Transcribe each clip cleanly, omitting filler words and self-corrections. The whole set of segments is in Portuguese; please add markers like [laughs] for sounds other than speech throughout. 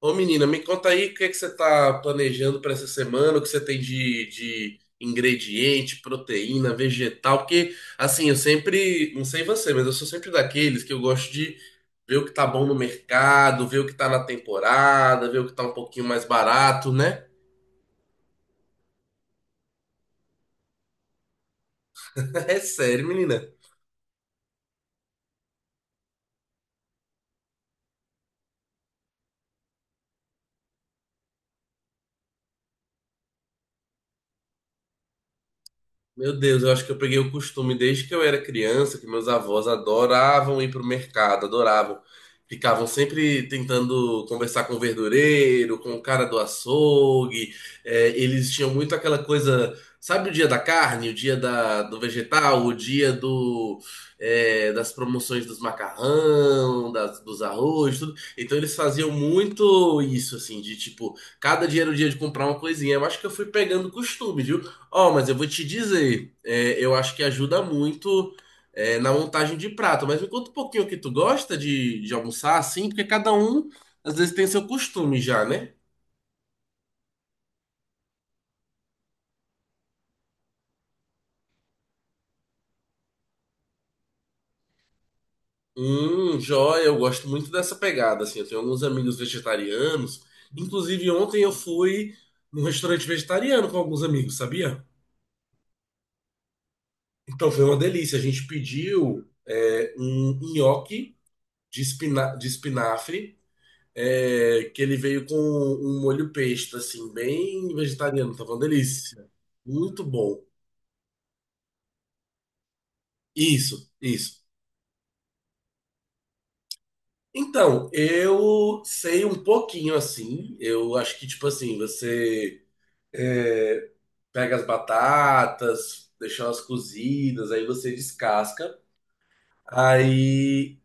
Ô menina, me conta aí o que é que você está planejando para essa semana, o que você tem de ingrediente, proteína, vegetal, porque assim, eu sempre, não sei você, mas eu sou sempre daqueles que eu gosto de ver o que tá bom no mercado, ver o que tá na temporada, ver o que tá um pouquinho mais barato, né? [laughs] É sério, menina. Meu Deus, eu acho que eu peguei o costume desde que eu era criança, que meus avós adoravam ir pro mercado, adoravam. Ficavam sempre tentando conversar com o verdureiro, com o cara do açougue. É, eles tinham muito aquela coisa, sabe, o dia da carne, o dia da, do vegetal, o dia do, é, das promoções dos macarrão, das, dos arroz, tudo. Então eles faziam muito isso, assim, de tipo, cada dia era o dia de comprar uma coisinha. Eu acho que eu fui pegando costume, viu? Ó, mas eu vou te dizer, é, eu acho que ajuda muito na montagem de prato. Mas me conta um pouquinho o que tu gosta de almoçar, assim, porque cada um às vezes tem seu costume já, né? Joia, eu gosto muito dessa pegada, assim. Eu tenho alguns amigos vegetarianos. Inclusive, ontem eu fui num restaurante vegetariano com alguns amigos, sabia? Então foi uma delícia. A gente pediu um nhoque de espinafre. É, que ele veio com um molho pesto, assim, bem vegetariano, tava uma delícia. Muito bom. Isso, isso. Então, eu sei um pouquinho assim. Eu acho que, tipo assim, você é, pega as batatas, deixa elas cozidas, aí você descasca. Aí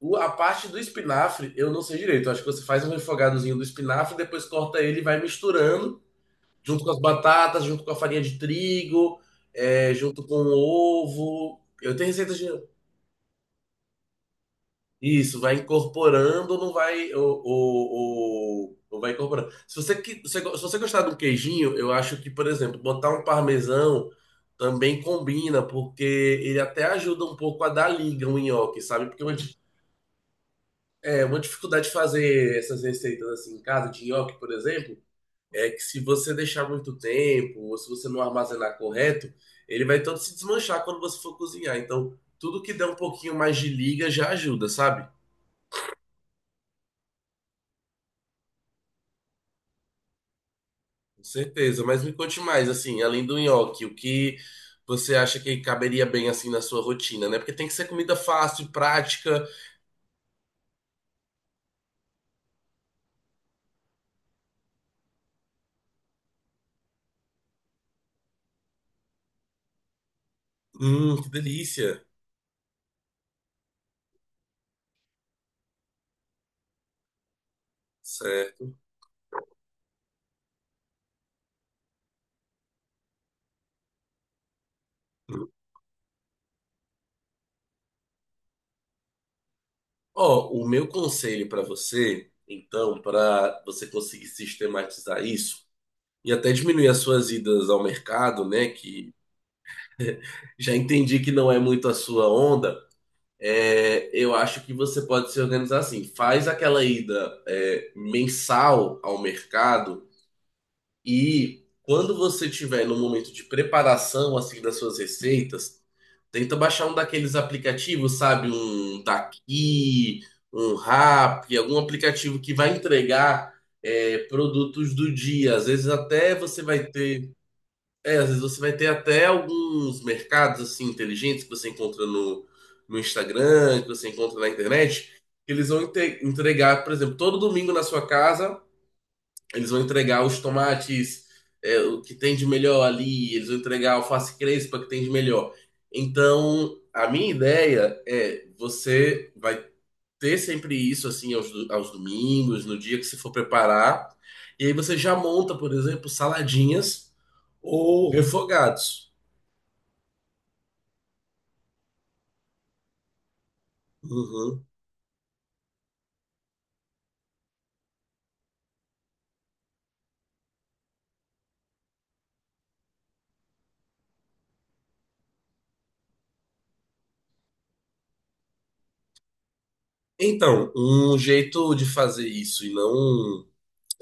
a parte do espinafre eu não sei direito. Eu acho que você faz um refogadozinho do espinafre, depois corta ele e vai misturando junto com as batatas, junto com a farinha de trigo, é, junto com o ovo. Eu tenho receita de. Isso, vai incorporando, ou não vai. Não vai incorporando. Se você, se você gostar do queijinho, eu acho que, por exemplo, botar um parmesão também combina, porque ele até ajuda um pouco a dar liga o nhoque, sabe? Porque é uma, é uma dificuldade de fazer essas receitas assim em casa, de nhoque, por exemplo. É que se você deixar muito tempo, ou se você não armazenar correto, ele vai todo se desmanchar quando você for cozinhar. Então, tudo que der um pouquinho mais de liga já ajuda, sabe? Com certeza. Mas me conte mais, assim, além do nhoque, o que você acha que caberia bem, assim, na sua rotina, né? Porque tem que ser comida fácil, prática. Que delícia. Certo. Ó, o meu conselho para você, então, para você conseguir sistematizar isso e até diminuir as suas idas ao mercado, né? Que já entendi que não é muito a sua onda. É, eu acho que você pode se organizar assim. Faz aquela ida é, mensal ao mercado e quando você tiver no momento de preparação assim das suas receitas, tenta baixar um daqueles aplicativos, sabe, um daqui, um Rap, algum aplicativo que vai entregar é, produtos do dia. Às vezes até você vai ter , às vezes você vai ter até alguns mercados assim inteligentes que você encontra no Instagram, que você encontra na internet, que eles vão entregar, por exemplo, todo domingo na sua casa, eles vão entregar os tomates, é, o que tem de melhor ali, eles vão entregar a alface crespa que tem de melhor. Então, a minha ideia é você vai ter sempre isso assim aos, aos domingos, no dia que você for preparar. E aí você já monta, por exemplo, saladinhas ou refogados. Uhum. Então, um jeito de fazer isso e não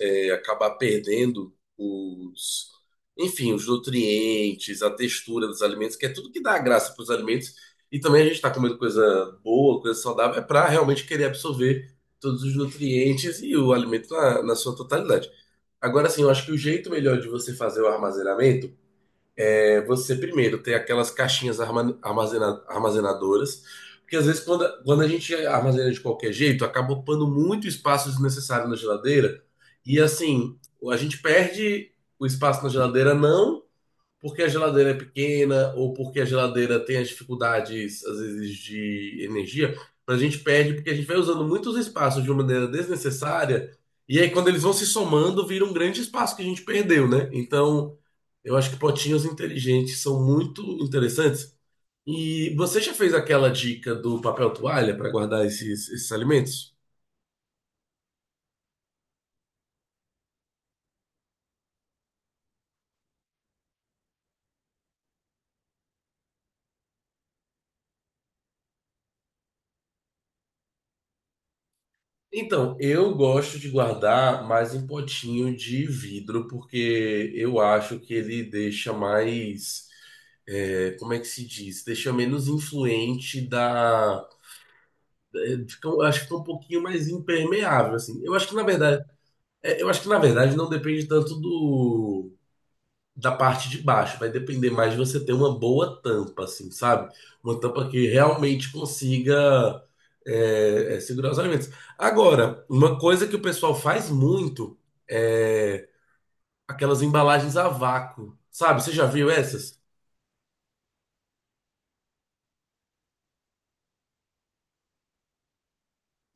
acabar perdendo os, enfim, os nutrientes, a textura dos alimentos, que é tudo que dá graça para os alimentos. E também a gente está comendo coisa boa, coisa saudável, é para realmente querer absorver todos os nutrientes e o alimento na sua totalidade. Agora, assim, eu acho que o jeito melhor de você fazer o armazenamento é você primeiro ter aquelas caixinhas armazenadoras, porque às vezes quando, quando a gente armazena de qualquer jeito, acaba ocupando muito espaço desnecessário na geladeira, e assim, a gente perde o espaço na geladeira não porque a geladeira é pequena ou porque a geladeira tem as dificuldades, às vezes, de energia, a gente perde porque a gente vai usando muitos espaços de uma maneira desnecessária. E aí, quando eles vão se somando, vira um grande espaço que a gente perdeu, né? Então, eu acho que potinhos inteligentes são muito interessantes. E você já fez aquela dica do papel toalha para guardar esses alimentos? Então, eu gosto de guardar mais em potinho de vidro, porque eu acho que ele deixa mais. É, como é que se diz? Deixa menos influente da. É, eu acho que fica um pouquinho mais impermeável, assim. Eu acho que, na verdade, não depende tanto do da parte de baixo. Vai depender mais de você ter uma boa tampa, assim, sabe? Uma tampa que realmente consiga segurar os alimentos. Agora, uma coisa que o pessoal faz muito é aquelas embalagens a vácuo, sabe? Você já viu essas?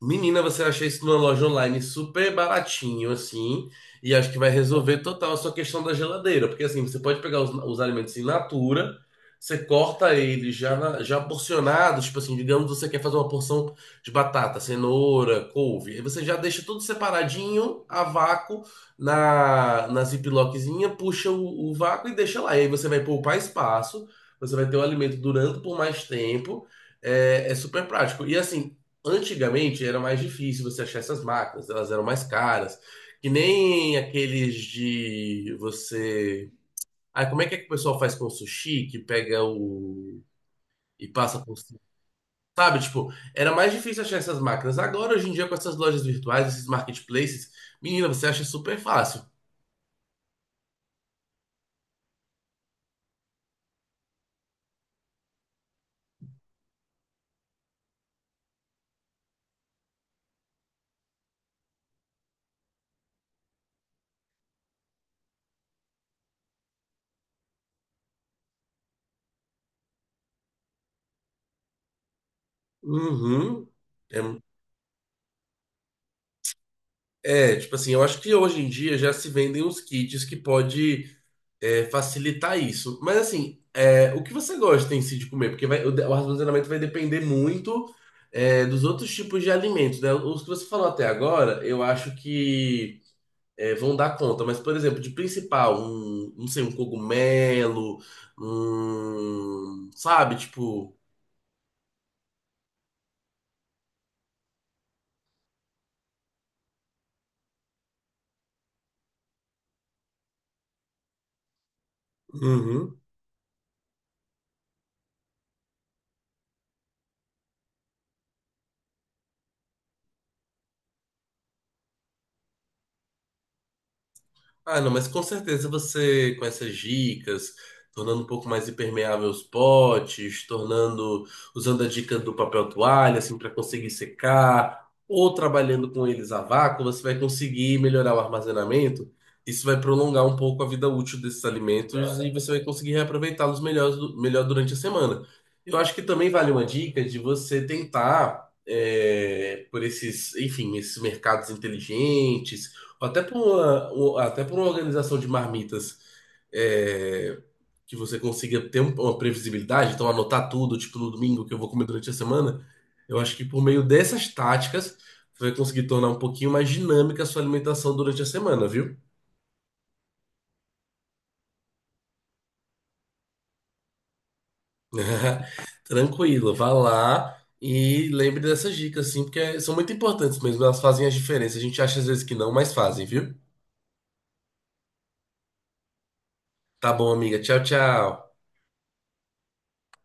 Menina, você acha isso numa loja online super baratinho, assim, e acho que vai resolver total a sua questão da geladeira, porque assim, você pode pegar os alimentos in natura, você corta eles já, já porcionados, tipo assim, digamos você quer fazer uma porção de batata, cenoura, couve, aí você já deixa tudo separadinho, a vácuo, na ziplockzinha, puxa o vácuo e deixa lá, e aí você vai poupar espaço, você vai ter o alimento durando por mais tempo, é, é super prático. E assim, antigamente era mais difícil você achar essas máquinas, elas eram mais caras, que nem aqueles de você. Ah, como é que o pessoal faz com o sushi que pega o e passa por cima? Sabe, tipo, era mais difícil achar essas máquinas. Agora, hoje em dia, com essas lojas virtuais, esses marketplaces, menina, você acha super fácil. Uhum. É, tipo assim, eu acho que hoje em dia já se vendem uns kits que pode é, facilitar isso. Mas assim, é, o que você gosta em si de comer? Porque o armazenamento vai depender muito é, dos outros tipos de alimentos, né? Os que você falou até agora, eu acho que é, vão dar conta. Mas, por exemplo, de principal, um, não sei, um cogumelo, um, sabe, tipo. Uhum. Ah, não, mas com certeza você, com essas dicas, tornando um pouco mais impermeável os potes, tornando, usando a dica do papel toalha, assim, para conseguir secar, ou trabalhando com eles a vácuo, você vai conseguir melhorar o armazenamento. Isso vai prolongar um pouco a vida útil desses alimentos e você vai conseguir reaproveitá-los melhor, melhor durante a semana. Eu acho que também vale uma dica de você tentar, por esses, enfim, esses mercados inteligentes até por uma, até por uma organização de marmitas é, que você consiga ter uma previsibilidade, então anotar tudo, tipo no domingo que eu vou comer durante a semana, eu acho que por meio dessas táticas você vai conseguir tornar um pouquinho mais dinâmica a sua alimentação durante a semana, viu? [laughs] Tranquilo, vá lá e lembre dessas dicas, assim, porque são muito importantes mesmo, elas fazem a diferença. A gente acha às vezes que não, mas fazem, viu? Tá bom, amiga. Tchau, tchau.